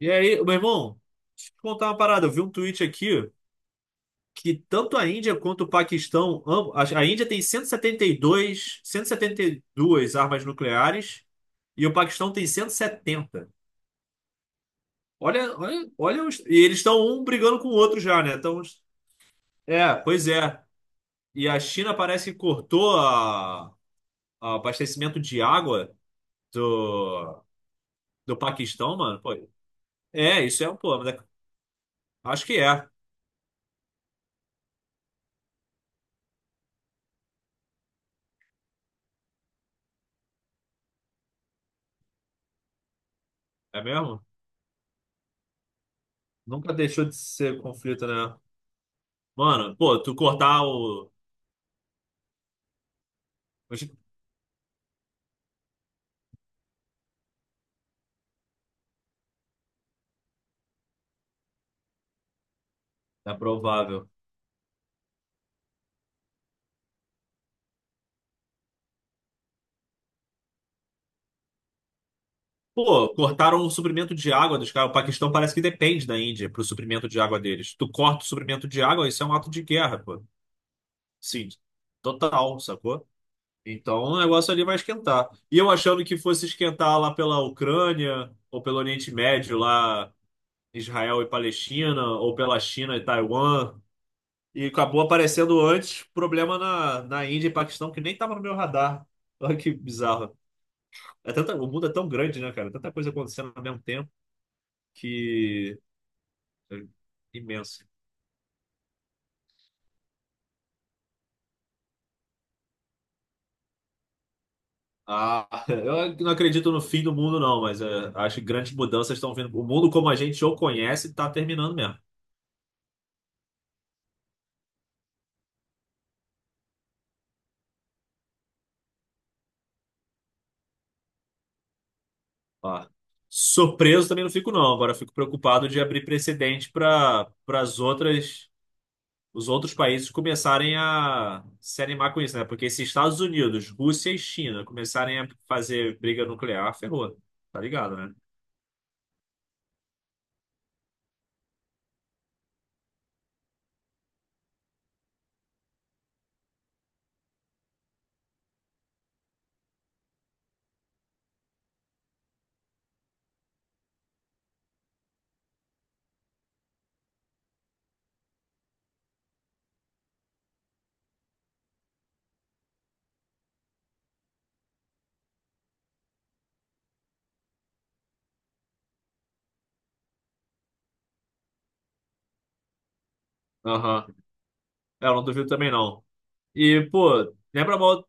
E aí, meu irmão, deixa eu te contar uma parada. Eu vi um tweet aqui que tanto a Índia quanto o Paquistão, ambos, a Índia tem cento e setenta e dois, cento e setenta dois, e 172 armas nucleares e o Paquistão tem 170. Olha, olha, e eles estão um brigando com o outro já, né? Então, é, pois é. E a China parece que cortou a abastecimento de água do, do Paquistão, mano. Pô, é, isso é um problema, né? Acho que é. É mesmo? Nunca deixou de ser conflito, né? Mano, pô, tu cortar o. É provável. Pô, cortaram o suprimento de água dos caras. O Paquistão parece que depende da Índia pro suprimento de água deles. Tu corta o suprimento de água, isso é um ato de guerra, pô. Sim, total, sacou? Então o negócio ali vai esquentar. E eu achando que fosse esquentar lá pela Ucrânia, ou pelo Oriente Médio, lá Israel e Palestina, ou pela China e Taiwan. E acabou aparecendo antes problema na, na Índia e Paquistão, que nem tava no meu radar. Olha que bizarro. É tanta, o mundo é tão grande, né, cara? Tanta coisa acontecendo ao mesmo tempo que é imenso. Ah, eu não acredito no fim do mundo, não, mas é, acho que grandes mudanças estão vindo. O mundo como a gente o conhece está terminando mesmo. Ah, surpreso também não fico, não. Agora eu fico preocupado de abrir precedente para as outras os outros países começarem a se animar com isso, né? Porque se Estados Unidos, Rússia e China começarem a fazer briga nuclear, ferrou. Tá ligado, né? Aham. É, eu não duvido também, não. E, pô, lembra mal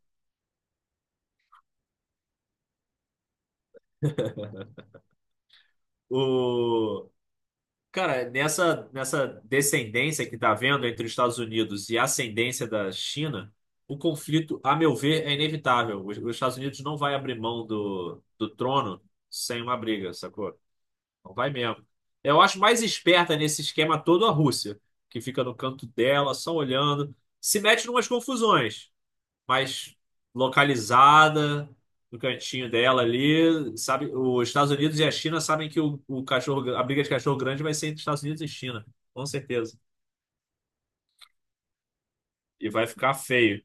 o. Cara, nessa descendência que tá havendo entre os Estados Unidos e a ascendência da China, o conflito, a meu ver, é inevitável. Os Estados Unidos não vai abrir mão do trono sem uma briga, sacou? Não vai mesmo. Eu acho mais esperta nesse esquema todo a Rússia, que fica no canto dela, só olhando, se mete em umas confusões. Mais localizada no cantinho dela ali. Sabe, os Estados Unidos e a China sabem que a briga de cachorro grande vai ser entre Estados Unidos e China, com certeza. E vai ficar feio.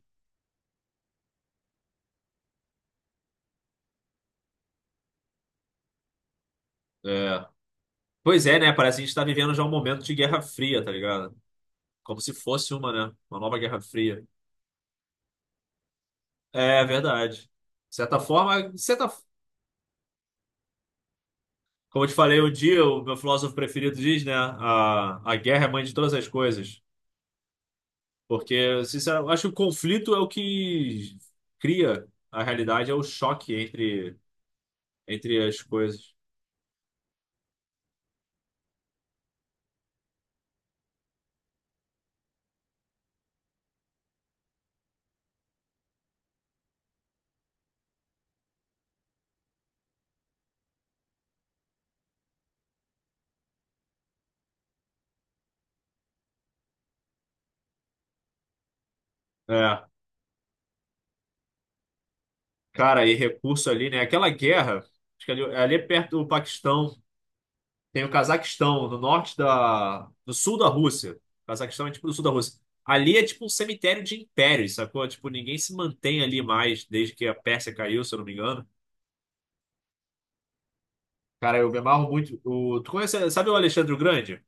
É. Pois é, né? Parece que a gente tá vivendo já um momento de Guerra Fria, tá ligado? Como se fosse uma, né? Uma nova Guerra Fria. É verdade. De certa forma, de certa... como eu te falei um dia, o meu filósofo preferido diz, né? A guerra é mãe de todas as coisas. Porque, sinceramente, acho que o conflito é o que cria a realidade, é o choque entre, entre as coisas. É, cara, e recurso ali, né? Aquela guerra, acho que ali, é perto do Paquistão, tem o Cazaquistão, no norte da... no sul da Rússia. O Cazaquistão é tipo no sul da Rússia. Ali é tipo um cemitério de impérios, sacou? Tipo, ninguém se mantém ali mais desde que a Pérsia caiu, se eu não me engano. Cara, eu me amarro muito. O... Tu conhece, sabe o Alexandre o Grande,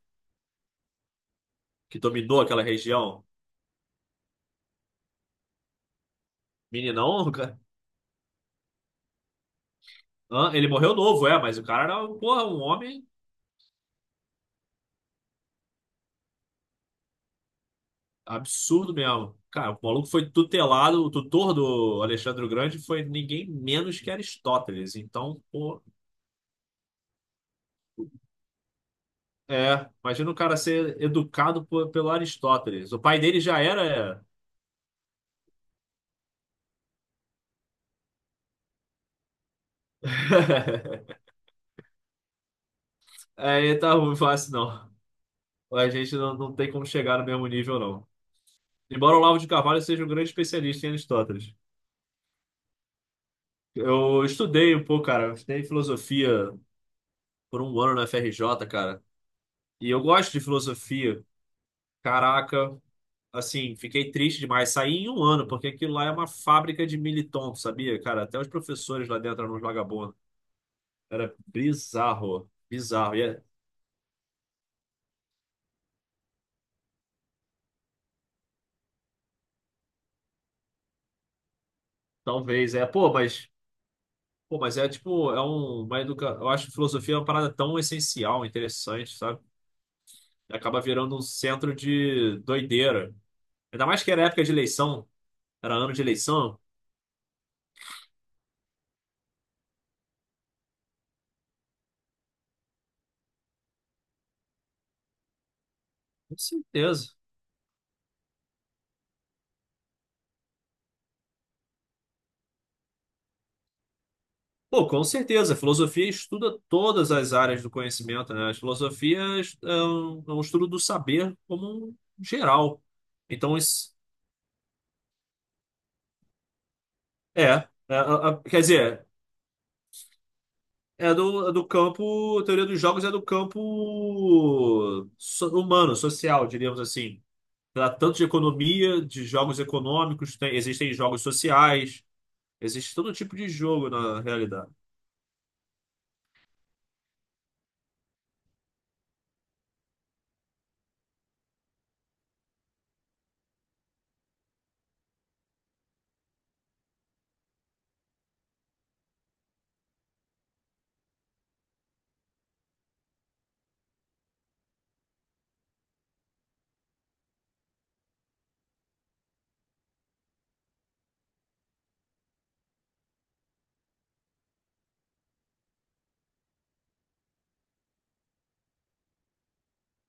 que dominou aquela região? Meninão, Hã? Ele morreu novo, é, mas o cara era, porra, um homem absurdo mesmo. Cara, o maluco foi tutelado, o tutor do Alexandre o Grande foi ninguém menos que Aristóteles. Então, pô, é, imagina o cara ser educado por- pelo Aristóteles. O pai dele já era. É, é, tá ruim, fácil não. A gente não, não tem como chegar no mesmo nível, não. Embora o Olavo de Carvalho seja um grande especialista em Aristóteles. Eu estudei um pouco, cara, eu estudei filosofia por um ano na FRJ, cara. E eu gosto de filosofia. Caraca, assim, fiquei triste demais. Saí em um ano, porque aquilo lá é uma fábrica de militon, tu sabia, cara? Até os professores lá dentro eram uns vagabundos. Era bizarro, bizarro. E é- talvez, é, pô, mas é tipo, é um, uma educa... Eu acho que filosofia é uma parada tão essencial, interessante, sabe? E acaba virando um centro de doideira. Ainda mais que era época de eleição, era ano de eleição. Com certeza. Pô, com certeza. A filosofia estuda todas as áreas do conhecimento, né? A filosofia é um estudo do saber como um geral. Então, isso é, é, é, é, quer dizer, é do campo. A teoria dos jogos é do campo so- humano, social, diríamos assim. Trata tanto de economia, de jogos econômicos, tem- existem jogos sociais, existe todo tipo de jogo na realidade.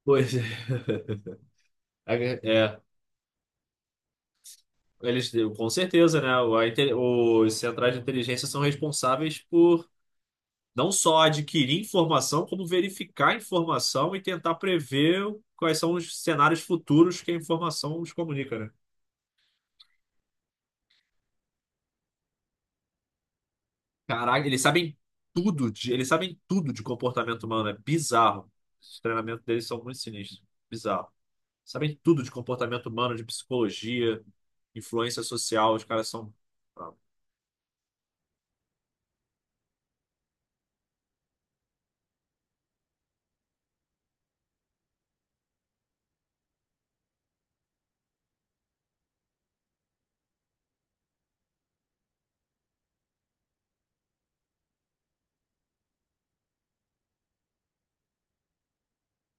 Pois é. É. Eles, com certeza, né? o- a inte- Os centrais de inteligência são responsáveis por não só adquirir informação, como verificar a informação e tentar prever quais são os cenários futuros que a informação nos comunica, né? Caraca, eles sabem tudo de, eles sabem tudo de comportamento humano, é bizarro. Os treinamentos deles são muito sinistros, bizarro. Sabem tudo de comportamento humano, de psicologia, influência social, os caras são.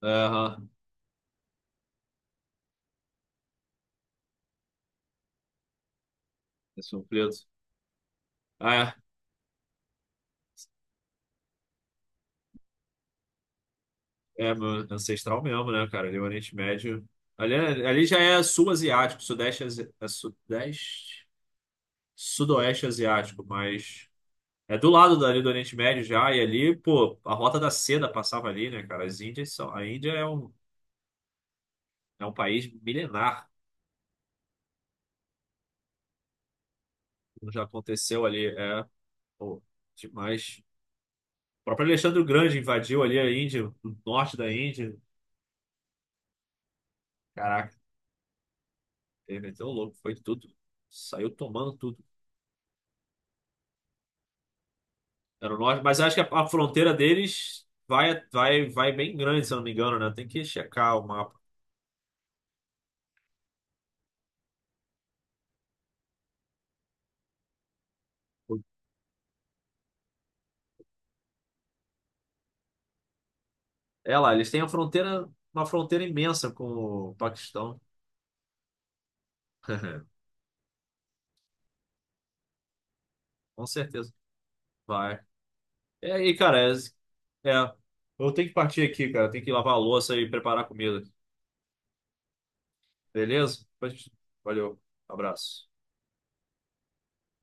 Aham, é surpreso. É, meu ancestral mesmo, né, cara? Ali, é o Oriente Médio. Ali, é- ali já é sul asiático, sudeste, asi- é sudeste, sudoeste asiático, mas é do lado dali do Oriente Médio já. E ali, pô, a Rota da Seda passava ali, né, cara? As Índias são, a Índia é um país milenar, como já aconteceu ali. É, pô, demais. O próprio Alexandre o Grande invadiu ali a Índia, o norte da Índia. Caraca, ele meteu o louco, foi tudo. Saiu tomando tudo. Era o norte, mas acho que a fronteira deles vai, vai bem grande, se eu não me engano, né? Tem que checar o mapa. É lá, eles têm a fronteira, uma fronteira imensa com o Paquistão. Com certeza. Vai. É e cara. É, é. Eu tenho que partir aqui, cara. Tenho que lavar a louça e preparar a comida. Beleza? Pois- Valeu. Abraço.